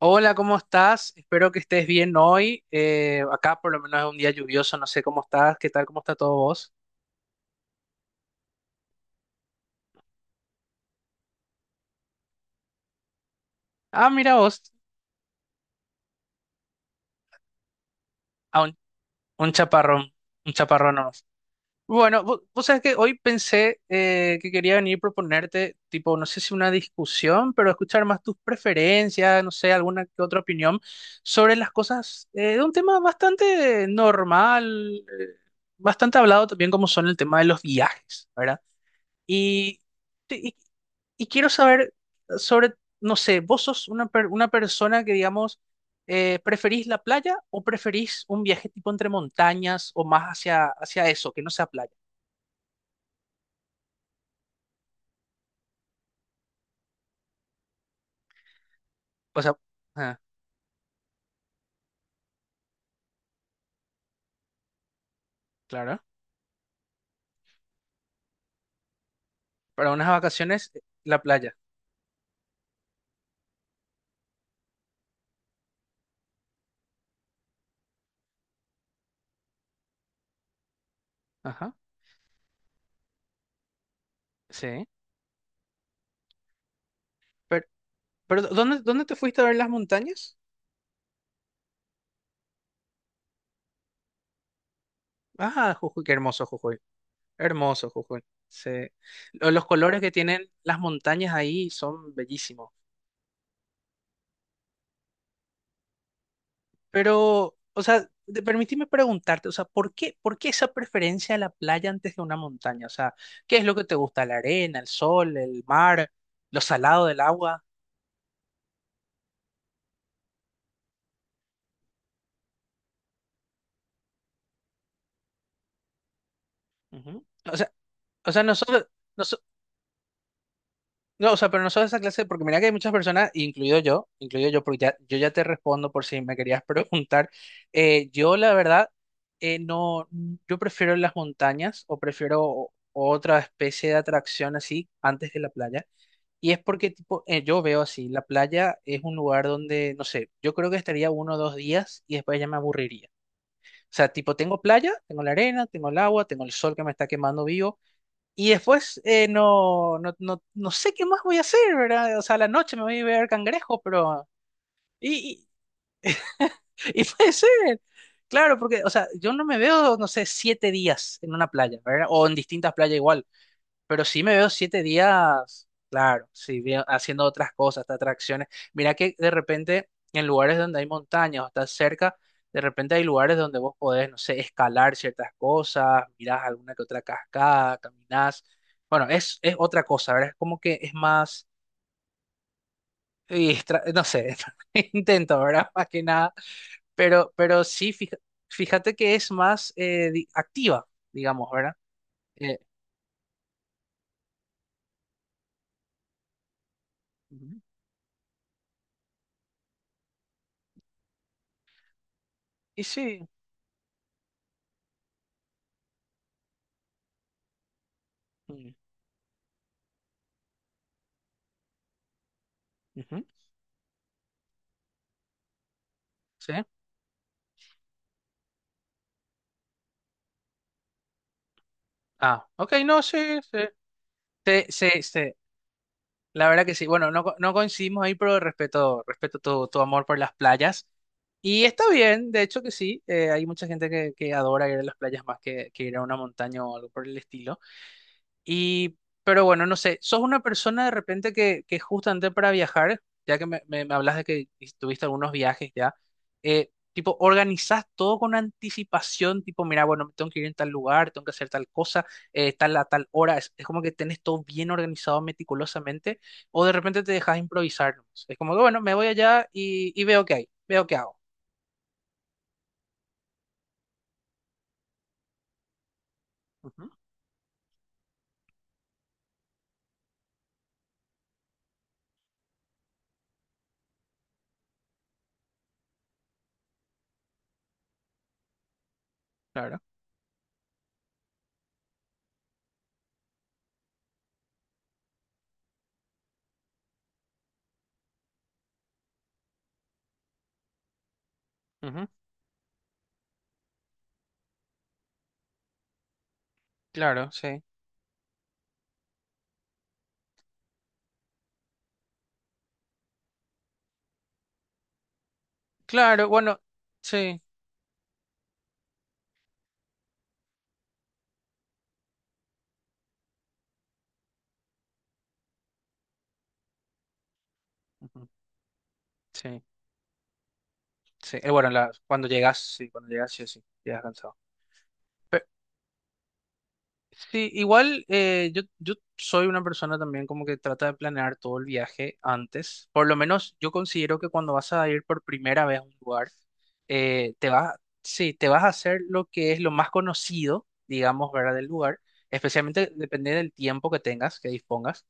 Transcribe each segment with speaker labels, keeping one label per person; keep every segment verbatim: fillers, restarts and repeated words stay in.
Speaker 1: Hola, ¿cómo estás? Espero que estés bien hoy. Eh, acá por lo menos es un día lluvioso, no sé cómo estás, qué tal, cómo está todo vos. Ah, mira vos, ah, un, un chaparrón, un chaparrón nomás. Bueno, vo- vos, sabés que hoy pensé eh, que quería venir a proponerte, tipo, no sé si una discusión, pero escuchar más tus preferencias, no sé, alguna que otra opinión sobre las cosas eh, de un tema bastante normal, eh, bastante hablado también como son el tema de los viajes, ¿verdad? Y, y, y quiero saber sobre, no sé, vos sos una, per- una persona que, digamos, eh, ¿preferís la playa o preferís un viaje tipo entre montañas o más hacia, hacia eso, que no sea playa? O sea, ah, claro, para unas vacaciones, eh, la playa. Ajá, sí. Pero, pero ¿dónde, dónde te fuiste a ver las montañas? Ah, Jujuy, qué hermoso Jujuy. Hermoso Jujuy. Sí. Lo- Los colores que tienen las montañas ahí son bellísimos. Pero, o sea, de- permíteme preguntarte, o sea, ¿por qué, por qué esa preferencia a la playa antes de una montaña? O sea, ¿qué es lo que te gusta? ¿La arena, el sol, el mar, lo salado del agua? Ujú. O sea, o sea, nosotros, noso- no, so, no, o sea, pero nosotros esa clase, porque mira que hay muchas personas, incluido yo, incluido yo, porque ya, yo ya te respondo por si me querías preguntar. Eh, yo, la verdad, eh, no, yo prefiero las montañas o prefiero o- otra especie de atracción así antes de la playa. Y es porque, tipo, eh, yo veo así, la playa es un lugar donde, no sé, yo creo que estaría uno o dos días y después ya me aburriría. O sea, tipo, tengo playa, tengo la arena, tengo el agua, tengo el sol que me está quemando vivo y después eh, no, no, no, no sé qué más voy a hacer, ¿verdad? O sea, a la noche me voy a ver cangrejos. Pero... Y, y, y puede ser, claro, porque, o sea, yo no me veo, no sé, siete días en una playa, ¿verdad? O en distintas playas igual. Pero sí me veo siete días, claro, sí, vi- haciendo otras cosas, hasta atracciones. Mira que de repente en lugares donde hay montañas o estás cerca, de repente hay lugares donde vos podés, no sé, escalar ciertas cosas, mirás alguna que otra cascada, caminás. Bueno, es, es otra cosa, ¿verdad? Es como que es más, y estra- no sé, intento, ¿verdad? Más que nada. Pero, pero sí, fija- fíjate que es más eh, di- activa, digamos, ¿verdad? Eh, ujú. Y sí. Mm, ujú, sí. Ah, ok, no, sí, sí. Sí, sí, sí. La verdad que sí. Bueno, no, co- no coincidimos ahí, pero respeto, respeto tu, tu amor por las playas. Y está bien, de hecho que sí. eh, hay mucha gente que, que adora ir a las playas más que, que ir a una montaña o algo por el estilo. Y, pero bueno, no sé, ¿sos una persona de repente que, que justamente para viajar, ya que me, me, me hablas de que tuviste algunos viajes ya, eh, tipo, organizás todo con anticipación, tipo, mira, bueno, me tengo que ir en tal lugar, tengo que hacer tal cosa, eh, tal a tal hora, es, es como que tenés todo bien organizado meticulosamente, o de repente te dejas improvisar, ¿nomás? Es como que, bueno, me voy allá y, y veo qué hay, veo qué hago. Ujú, claro, ujú, claro, sí, claro, bueno, sí, ujú, sí. Sí, eh, bueno, en la- cuando llegas, sí, cuando llegas, sí, sí, llegas cansado. Pero, sí, igual eh, yo, yo soy una persona también como que trata de planear todo el viaje antes. Por lo menos yo considero que cuando vas a ir por primera vez a un lugar, eh, te vas, sí, te vas a hacer lo que es lo más conocido, digamos, ¿verdad? Del lugar. Especialmente depende del tiempo que tengas, que dispongas.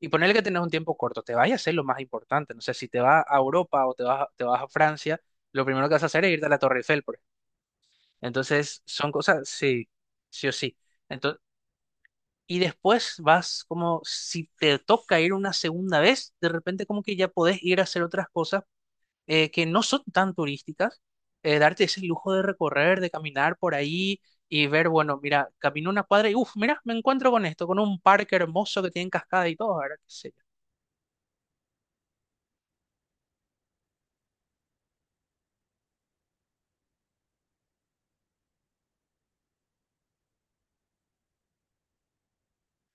Speaker 1: Y ponerle que tenés un tiempo corto, te vas a hacer lo más importante. No sé, si te vas a Europa o te vas, te vas a Francia, lo primero que vas a hacer es irte a la Torre Eiffel, por Entonces, son cosas, sí, sí o sí. Entonces, y después vas como, si te toca ir una segunda vez, de repente como que ya podés ir a hacer otras cosas eh, que no son tan turísticas, eh, darte ese lujo de recorrer, de caminar por ahí y ver, bueno, mira, camino una cuadra y, uff, mira, me encuentro con esto, con un parque hermoso que tiene cascada y todo, ¿verdad? ¿Qué sé yo?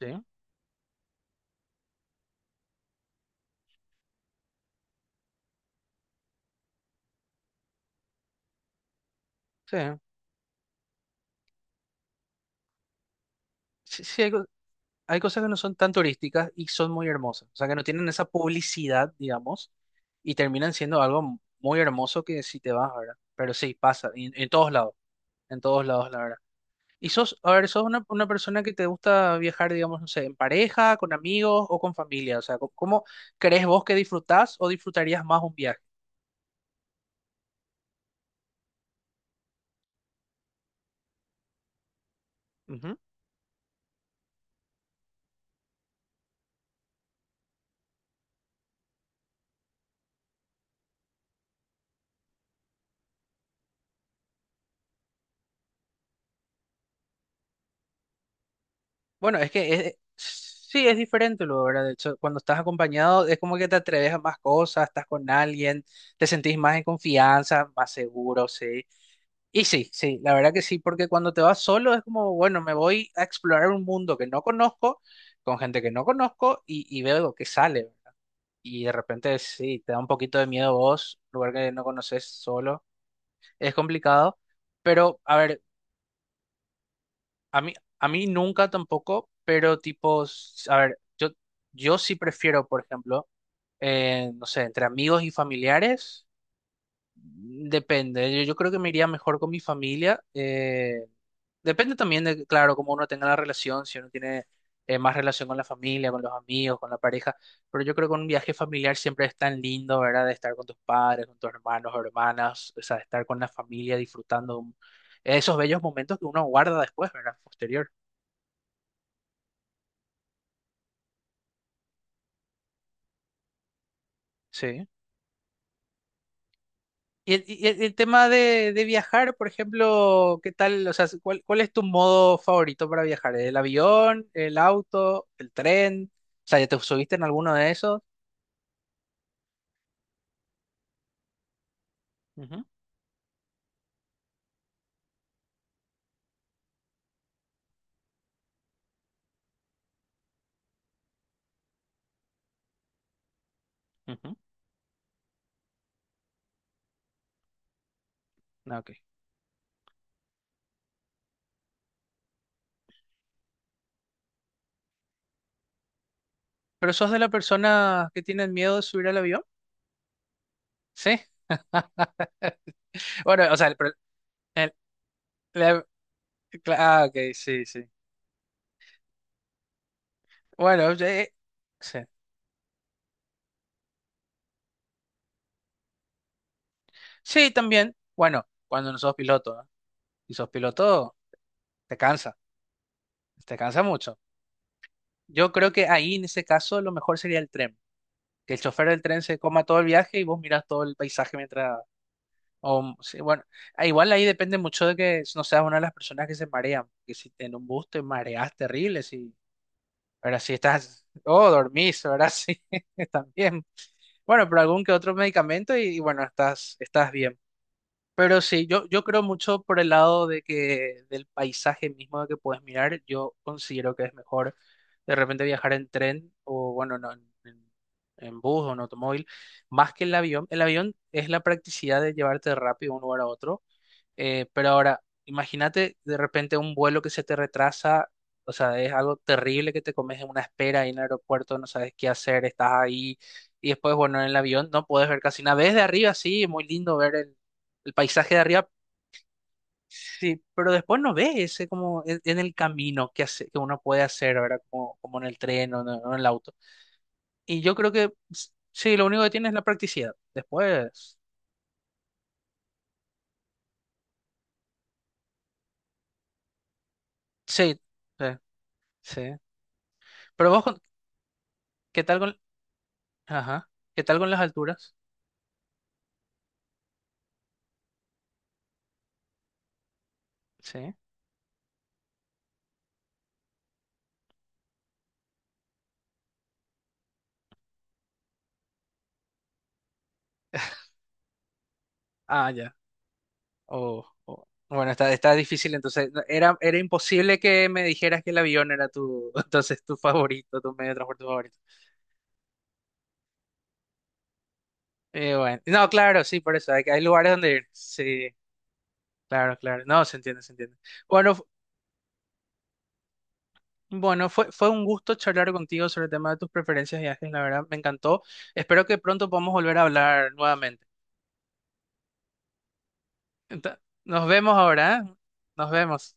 Speaker 1: Sí, sí. Sí, sí, hay cosas que no son tan turísticas y son muy hermosas, o sea, que no tienen esa publicidad, digamos, y terminan siendo algo muy hermoso que si te vas, ¿verdad? Pero sí, pasa, y- en, todos lados, en todos lados, la verdad. Y sos, a ver, sos una, una persona que te gusta viajar, digamos, no sé, en pareja, con amigos o con familia, o sea, co- ¿cómo crees vos que disfrutás o disfrutarías más un viaje? Bueno, es que es- sí es diferente, lo verdad. De hecho, cuando estás acompañado es como que te atreves a más cosas, estás con alguien, te sentís más en confianza, más seguro, sí. Y sí, sí, la verdad que sí, porque cuando te vas solo es como, bueno, me voy a explorar un mundo que no conozco, con gente que no conozco y, y veo lo que sale. Y de repente sí, te da un poquito de miedo vos, lugar que no conoces solo, es complicado. Pero, a ver. A mí, a mí nunca tampoco, pero tipo, s- a ver, yo, yo sí prefiero, por ejemplo, eh, no sé, entre amigos y familiares, mm, depende. Yo, yo creo que me iría mejor con mi familia. eh, depende también de, claro, cómo uno tenga la relación, si uno tiene eh, más relación con la familia, con los amigos, con la pareja. Pero yo creo que un viaje familiar siempre es tan lindo, ¿verdad? De estar con tus padres, con tus hermanos, hermanas, o sea, estar con la familia disfrutando un- esos bellos momentos que uno guarda después, ¿verdad? Posterior. Sí. Y el, y el- el tema de, de viajar, por ejemplo, ¿qué tal? O sea, ¿cuál, cuál es tu modo favorito para viajar? ¿El avión, el auto, el tren? O sea, ¿ya te subiste en alguno de esos? Ujú, ujú. Ah, ok. ¿Pero sos de la persona que tienen miedo de subir al avión? Sí. Bueno, o sea, el, pro- el- la- cla- ah, ok, sí, sí. Bueno, eh, sí. Sí, también. Bueno, cuando no sos piloto, ¿no? Si sos piloto, te cansa, te cansa mucho. Yo creo que ahí en ese caso lo mejor sería el tren, que el chofer del tren se coma todo el viaje y vos mirás todo el paisaje mientras. O, sí, bueno, ah, igual ahí depende mucho de que no seas una de las personas que se marean, que si en un bus te mareas terrible, si, ahora si estás, oh, dormís, ahora sí, también. Bueno, pero algún que otro medicamento y, y bueno, estás, estás bien. Pero sí, yo, yo creo mucho por el lado de que del paisaje mismo de que puedes mirar, yo considero que es mejor de repente viajar en tren o bueno, no, en, en- en bus o en automóvil, más que el avión. El avión es la practicidad de llevarte rápido de un lugar a otro. Eh, pero ahora, imagínate de repente un vuelo que se te retrasa, o sea, es algo terrible que te comes en una espera ahí en el aeropuerto, no sabes qué hacer, estás ahí y después, bueno, en el avión no puedes ver casi nada. Ves de arriba, sí, muy lindo ver el, el paisaje de arriba, sí, pero después no ves ese como en, en el camino que, hace, que uno puede hacer, ¿verdad? Como, como en el tren o en, o en el auto. Y yo creo que s- sí, lo único que tiene es la practicidad. Después, sí, sí, sí. Pero vos, ¿qué tal con? Ajá. ¿Qué tal con las alturas? Sí. Ah, ya. Oh, oh. Bueno, está, está difícil, entonces no, era, era imposible que me dijeras que el avión era tu, entonces tu favorito, tu medio de transporte favorito. Eh, bueno, no, claro, sí, por eso, hay, hay lugares donde ir. Sí, claro, claro. No, se entiende, se entiende. Bueno, fu- bueno, fue, fue un gusto charlar contigo sobre el tema de tus preferencias de viajes, la verdad, me encantó. Espero que pronto podamos volver a hablar nuevamente. Enta- nos vemos ahora, ¿eh? Nos vemos.